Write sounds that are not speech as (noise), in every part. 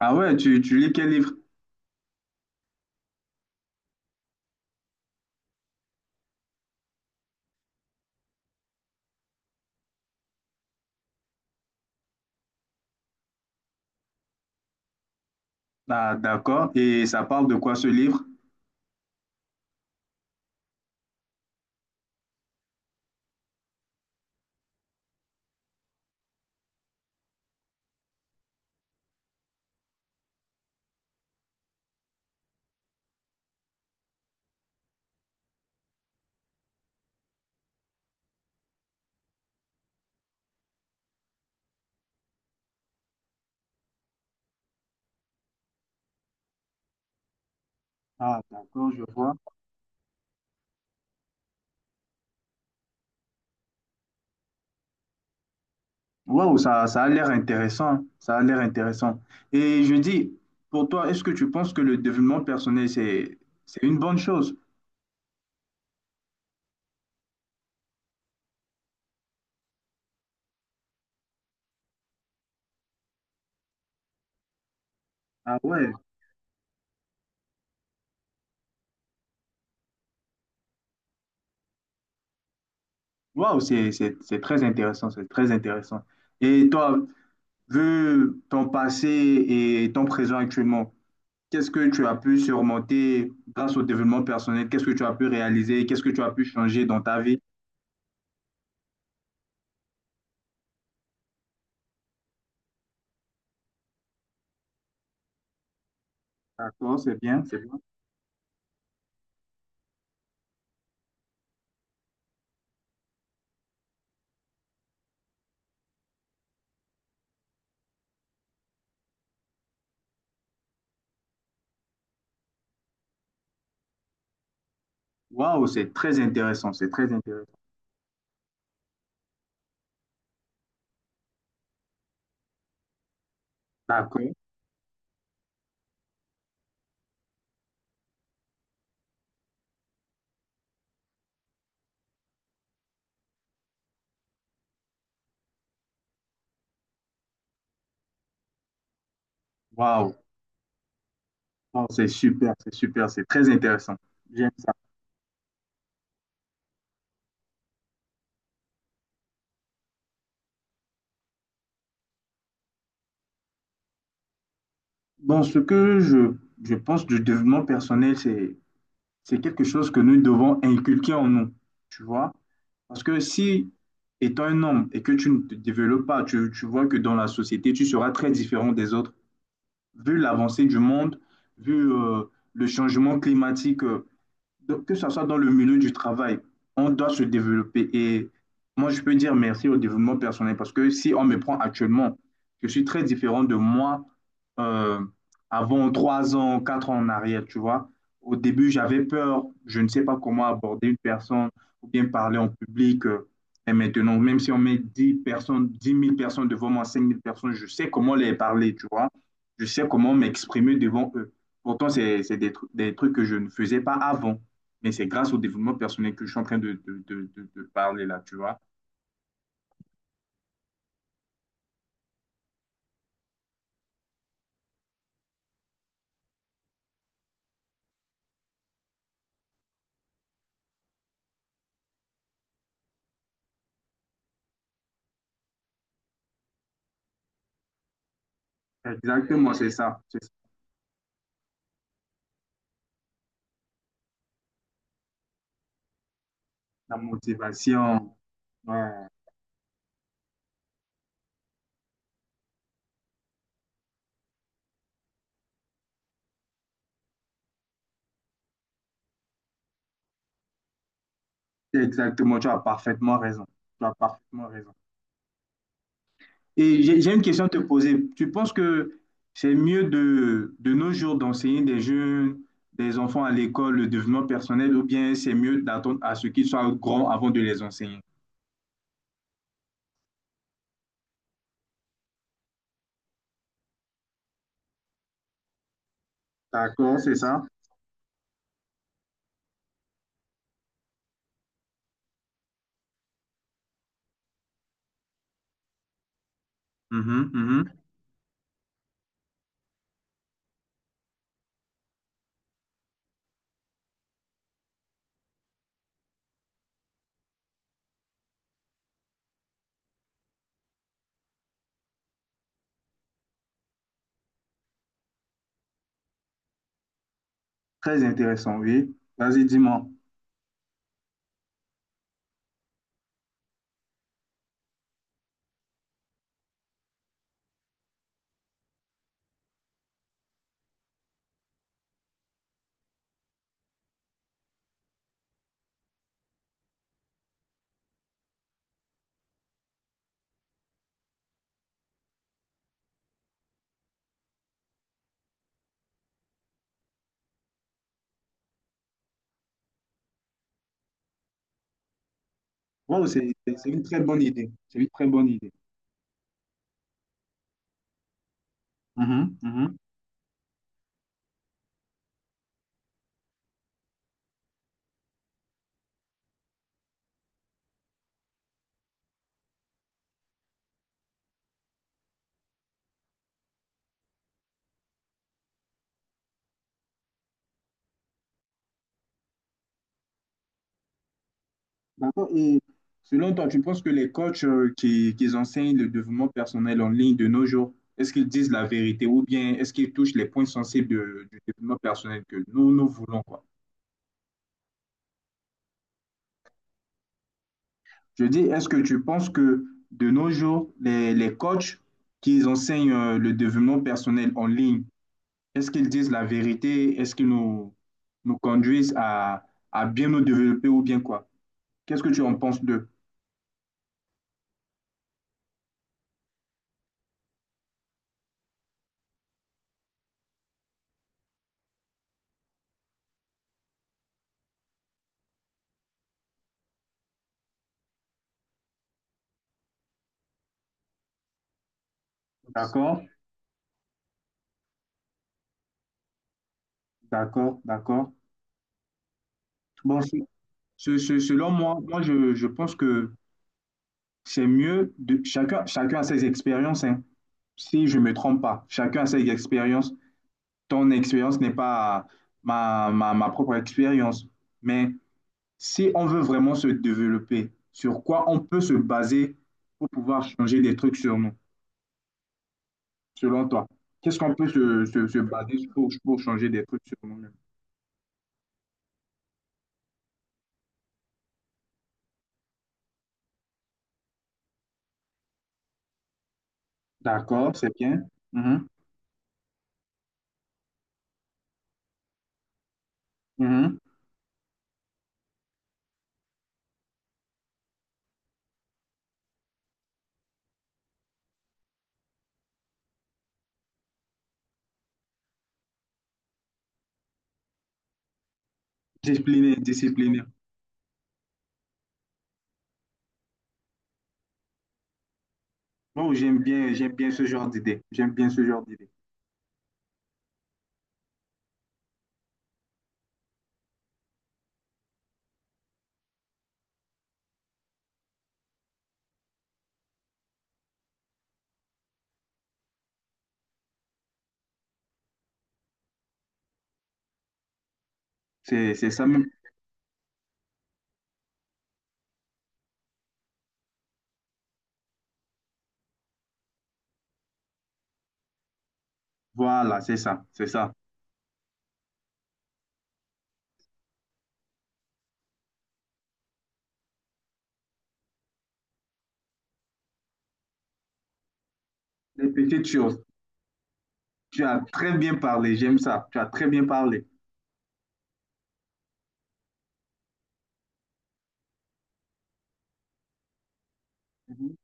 Ah ouais, tu lis quel livre? Ah, d'accord. Et ça parle de quoi ce livre? Ah, d'accord, je vois. Waouh, ça a l'air intéressant. Ça a l'air intéressant. Et je dis, pour toi, est-ce que tu penses que le développement personnel, c'est une bonne chose? Ah ouais. Waouh, c'est très intéressant. C'est très intéressant. Et toi, vu ton passé et ton présent actuellement, qu'est-ce que tu as pu surmonter grâce au développement personnel? Qu'est-ce que tu as pu réaliser? Qu'est-ce que tu as pu changer dans ta vie? D'accord, c'est bien. Waouh, c'est très intéressant, c'est très intéressant. D'accord. Waouh, oh, c'est super, c'est super, c'est très intéressant. J'aime ça. Bon, ce que je pense du développement personnel, c'est quelque chose que nous devons inculquer en nous, tu vois. Parce que si, étant un homme et que tu ne te développes pas, tu vois que dans la société, tu seras très différent des autres. Vu l'avancée du monde, vu le changement climatique. Donc, que ce soit dans le milieu du travail, on doit se développer. Et moi, je peux dire merci au développement personnel parce que si on me prend actuellement, je suis très différent de moi euh, avant 3 ans, 4 ans en arrière, tu vois. Au début, j'avais peur, je ne sais pas comment aborder une personne ou bien parler en public. Et maintenant, même si on met 10 personnes, 10 000 personnes devant moi, 5 000 personnes, je sais comment les parler, tu vois. Je sais comment m'exprimer devant eux. Pourtant, c'est des trucs que je ne faisais pas avant. Mais c'est grâce au développement personnel que je suis en train de parler là, tu vois. Exactement, c'est ça. C'est ça, la motivation. Ouais. Exactement, tu as parfaitement raison. Tu as parfaitement raison. Et j'ai une question à te poser. Tu penses que c'est mieux de nos jours d'enseigner des jeunes, des enfants à l'école, le développement personnel, ou bien c'est mieux d'attendre à ce qu'ils soient grands avant de les enseigner? D'accord, c'est ça. Mhm, mhm. Très intéressant, oui. Vas-y, dis-moi. Wow, c'est une très bonne idée. C'est une très bonne idée. Mhm, mhm. D'accord. Et selon toi, tu penses que les coachs qui enseignent le développement personnel en ligne de nos jours, est-ce qu'ils disent la vérité ou bien est-ce qu'ils touchent les points sensibles du développement personnel que nous, nous voulons, quoi? Je dis, est-ce que tu penses que de nos jours, les coachs qui enseignent le développement personnel en ligne, est-ce qu'ils disent la vérité? Est-ce qu'ils nous conduisent à bien nous développer ou bien quoi? Qu'est-ce que tu en penses d'eux? D'accord, d'accord, d'accord. Bon, selon moi, moi je pense que c'est mieux de chacun, chacun a ses expériences, hein. Si je me trompe pas. Chacun a ses expériences. Ton expérience n'est pas ma propre expérience. Mais si on veut vraiment se développer, sur quoi on peut se baser pour pouvoir changer des trucs sur nous, selon toi? Qu'est-ce qu'on peut se baser pour changer des trucs sur nous-mêmes? D'accord, c'est bien. Mhm, mhm. Discipliné, discipliné. Bon, j'aime bien ce genre d'idée. J'aime bien ce genre d'idée. C'est ça même. Voilà, c'est ça, c'est ça. Les petites choses. Tu as très bien parlé, j'aime ça. Tu as très bien parlé. Mhm.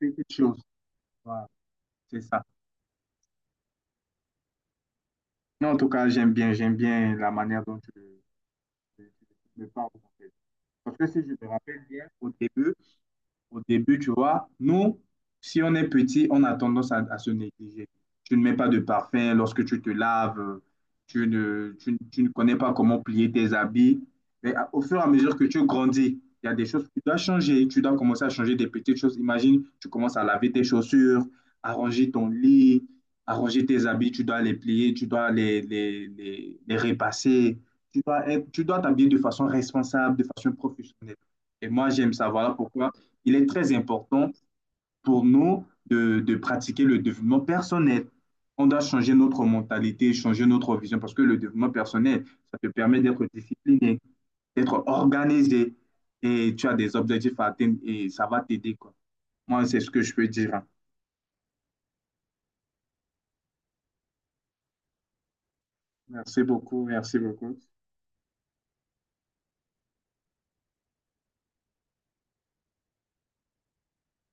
Les petites choses. Voilà, c'est ça. Non, en tout cas, j'aime bien la manière dont tu- tu me parles, en fait. Parce que si je me rappelle bien, au début, au début, tu vois, nous, si on est petit, on a tendance à se négliger. Tu ne mets pas de parfum lorsque tu te laves, tu ne connais pas comment plier tes habits. Mais au fur et à mesure que tu grandis, il y a des choses que tu dois changer. Tu dois commencer à changer des petites choses. Imagine, tu commences à laver tes chaussures, arranger ton lit, arranger tes habits. Tu dois les plier, tu dois les repasser. Tu dois t'habiller de façon responsable, de façon professionnelle. Et moi, j'aime ça. Voilà pourquoi il est très important pour nous de pratiquer le développement personnel. On doit changer notre mentalité, changer notre vision, parce que le développement personnel, ça te permet d'être discipliné, d'être organisé, et tu as des objectifs à atteindre, et ça va t'aider, quoi. Moi, c'est ce que je peux dire, hein. Merci beaucoup, merci beaucoup.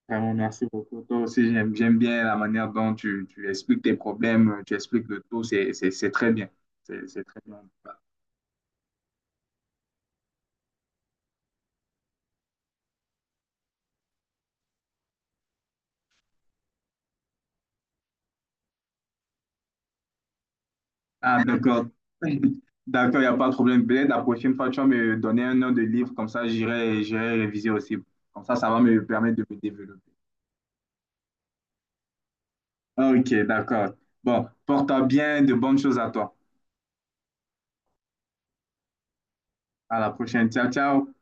Vraiment, merci beaucoup. Toi aussi, j'aime bien la manière dont tu expliques tes problèmes, tu expliques le tout, c'est très bien. C'est très bien. Ah, d'accord. (laughs) D'accord, il n'y a pas de problème. Peut-être la prochaine fois, tu vas me donner un nom de livre, comme ça, j'irai réviser aussi. Comme ça va me permettre de me développer. Ok, d'accord. Bon, porte-toi bien, de bonnes choses à toi. À la prochaine. Ciao, ciao.